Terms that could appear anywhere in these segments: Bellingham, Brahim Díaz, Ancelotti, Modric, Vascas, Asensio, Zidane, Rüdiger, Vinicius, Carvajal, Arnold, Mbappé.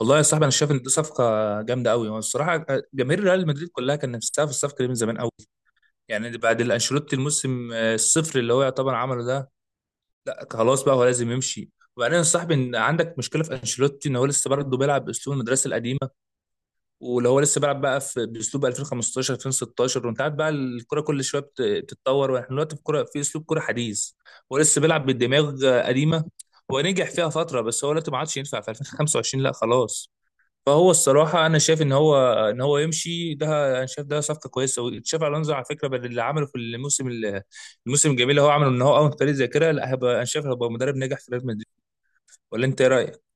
والله يا صاحبي انا شايف ان دي صفقه جامده قوي. والصراحه جماهير ريال مدريد كلها كان نفسها في الصفقه دي من زمان قوي. يعني بعد الانشيلوتي الموسم الصفر اللي هو يعتبر عمله ده، لا خلاص بقى هو لازم يمشي. وبعدين يا صاحبي ان عندك مشكله في انشيلوتي ان هو لسه برضه بيلعب باسلوب المدرسه القديمه. ولو هو لسه بيلعب بقى في باسلوب 2015 2016، وانت عارف بقى الكره كل شويه بتتطور، واحنا دلوقتي في كره في اسلوب كره حديث. هو لسه بيلعب بالدماغ قديمه. هو نجح فيها فتره، بس هو دلوقتي ما عادش ينفع في 2025، لا خلاص. فهو الصراحة أنا شايف إن هو يمشي ده. أنا شايف ده صفقة كويسة. وتشافي ألونزو على فكرة بدل اللي عمله في الموسم الجميل اللي هو عمله إن هو أول فريق زي كده، لا هيبقى، أنا شايف هيبقى مدرب ناجح في ريال مدريد. ولا أنت إيه رأيك؟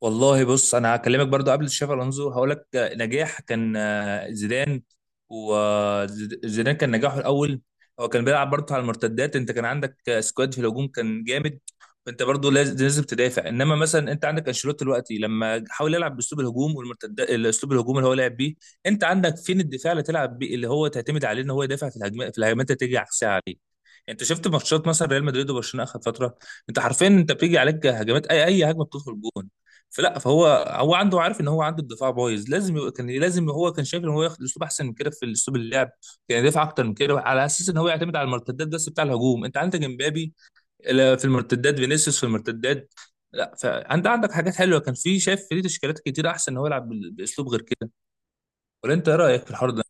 والله بص انا هكلمك برضو قبل تشافي الونزو، هقول لك نجاح كان زيدان. وزيدان كان نجاحه الاول. هو كان بيلعب برضو على المرتدات، انت كان عندك سكواد في الهجوم كان جامد. فانت برضو لازم تدافع. انما مثلا انت عندك انشيلوتي دلوقتي لما حاول يلعب باسلوب الهجوم والمرتدات، الاسلوب الهجوم اللي هو لعب بيه، انت عندك فين الدفاع اللي تلعب بيه اللي هو تعتمد عليه ان هو يدافع في الهجمات اللي تيجي عكسها عليه. انت شفت ماتشات مثلا ريال مدريد وبرشلونه اخر فتره، انت حرفيا انت بيجي عليك هجمات اي هجمه بتدخل جون. فهو عنده، عارف ان هو عنده الدفاع بايظ، لازم يبقى كان لازم هو كان شايف ان هو ياخد اسلوب احسن من كده في اسلوب اللعب. كان يدافع اكتر من كده على اساس ان هو يعتمد على المرتدات، بس بتاع الهجوم انت عندك امبابي، لا في المرتدات، فينيسيوس في المرتدات، لا فانت عندك حاجات حلوه، كان في شايف في تشكيلات كتير احسن ان هو يلعب باسلوب غير كده. ولا انت ايه رايك في الحوار ده؟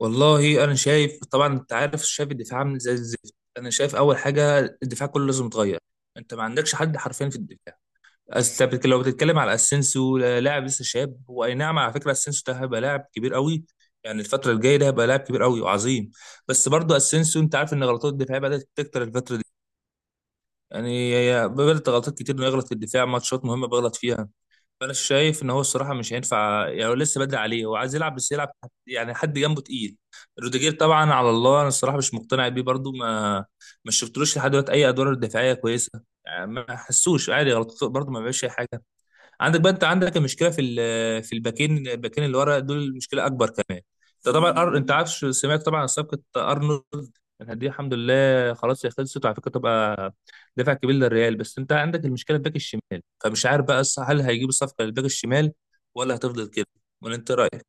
والله انا شايف طبعا انت عارف، شايف الدفاع عامل زي الزفت. انا شايف اول حاجه الدفاع كله لازم يتغير. انت ما عندكش حد حرفيا في الدفاع. أصل أنت لو بتتكلم على اسينسيو، لاعب لسه شاب، هو اي نعم. على فكره اسينسيو ده هيبقى لاعب كبير قوي. يعني الفتره الجايه ده هيبقى لاعب كبير قوي وعظيم. بس برضه اسينسيو انت عارف ان غلطات الدفاع بدات تكتر الفتره دي. يعني بدات غلطات كتير انه يغلط في الدفاع، ماتشات مهمه بيغلط فيها. انا شايف ان هو الصراحه مش هينفع. يعني هو لسه بدري عليه، هو عايز يلعب بس يلعب يعني حد جنبه تقيل. روديجير طبعا على الله، انا الصراحه مش مقتنع بيه برضو، ما شفتلوش لحد دلوقتي اي ادوار دفاعيه كويسه. يعني ما حسوش عادي غلط، برضو ما بيعملش اي حاجه. عندك بقى، انت عندك المشكله في في الباكين اللي ورا دول المشكله اكبر كمان. انت طبعا انت عارف، سمعت طبعا عن صفقه ارنولد. يعني دي الحمد لله خلاص هي خلصت، وعلى فكره تبقى دفع كبير للريال. بس انت عندك المشكله الباك الشمال، فمش عارف بقى، هل هيجيب الصفقه للباك الشمال ولا هتفضل كده؟ ولا انت رايك؟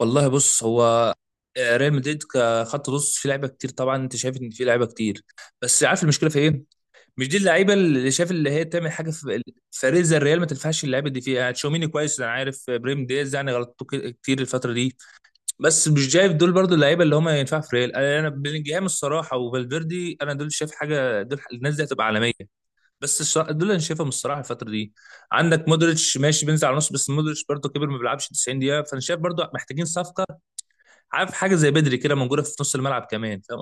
والله بص، هو ريال مدريد كخط نص في لعيبه كتير، طبعا انت شايف ان في لعيبه كتير، بس عارف المشكله في ايه؟ مش دي اللعيبه اللي شايف اللي هي تعمل حاجه في فريق زي الريال، ما تنفعش اللعيبه دي فيها. يعني تشاوميني كويس، انا عارف، بريم دياز يعني غلطته كتير الفتره دي. بس مش شايف دول برضو اللعيبه اللي هم ينفعوا في ريال. انا بلينجهام الصراحه وفالفيردي، انا دول شايف حاجه، دول الناس دي هتبقى عالميه. بس دول انا شايفهم الصراحه الفتره دي. عندك مودريتش ماشي بينزل على النص، بس مودريتش برضو كبر، ما بيلعبش 90 دقيقه. فانا شايف برضو محتاجين صفقه. عارف حاجه زي بدري كده موجوده في نص الملعب كمان، فاهم؟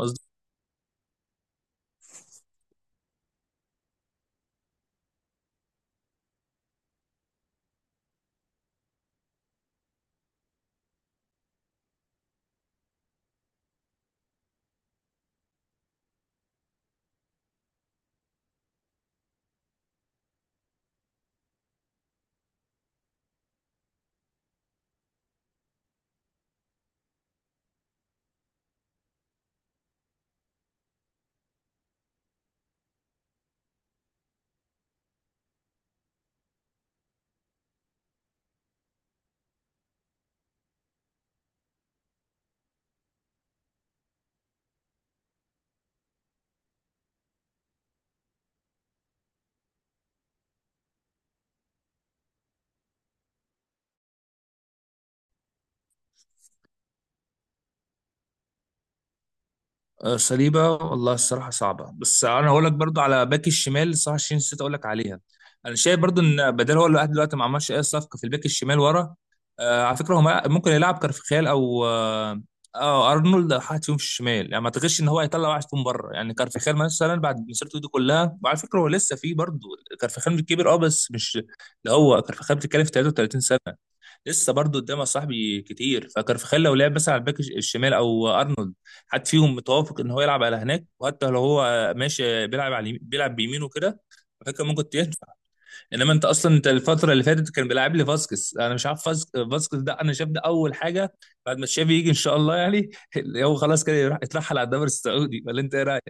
صليبة، والله الصراحة صعبة. بس أنا هقول لك برضو على باك الشمال الصراحة الشين، نسيت أقول لك عليها. أنا شايف برضو إن بدل هو لوحده دلوقتي ما عملش أي صفقة في الباك الشمال ورا. آه على فكرة هو ممكن يلعب كارفخال أو أرنولد أو حد فيهم في الشمال. يعني ما أعتقدش إن هو هيطلع واحد فيهم بره. يعني كارفخال مثلا بعد مسيرته دي كلها، وعلى فكرة هو لسه فيه برضو. كارفخال كبير أه، بس مش ده. هو كارفخال بتتكلم في 33 سنة، لسه برضو قدامه صاحبي كتير. فكارفخال لو لعب مثلا على الباك الشمال أو حد فيهم متوافق ان هو يلعب على هناك، وحتى لو هو ماشي بيلعب على بيلعب بيمينه كده، فكان ممكن تنفع. انما انت اصلا، انت الفتره اللي فاتت كان بيلعب لي فاسكس، انا مش عارف فاسكس ده، انا شايف ده اول حاجه بعد ما تشافي يجي ان شاء الله، يعني اللي هو خلاص كده يروح يترحل على الدوري السعودي. ولا انت ايه رايك؟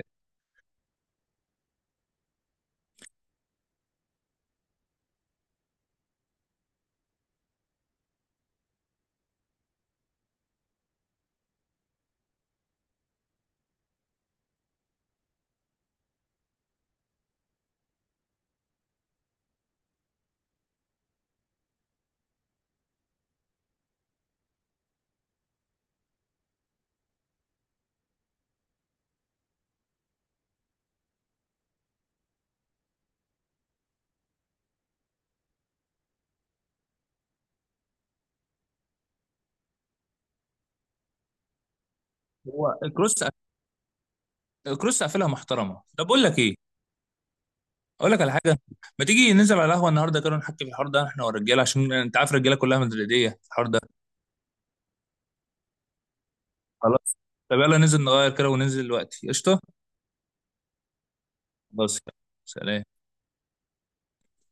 هو الكروس، قافلها محترمه. طب اقول لك ايه؟ اقول لك على حاجه. ما تيجي ننزل على القهوه النهارده كده ونحكي في الحوار ده، احنا والرجاله، عشان انت عارف الرجاله كلها مدريديه في الحوار ده. خلاص. طب يلا ننزل نغير كده وننزل دلوقتي، قشطه. بس. سلام.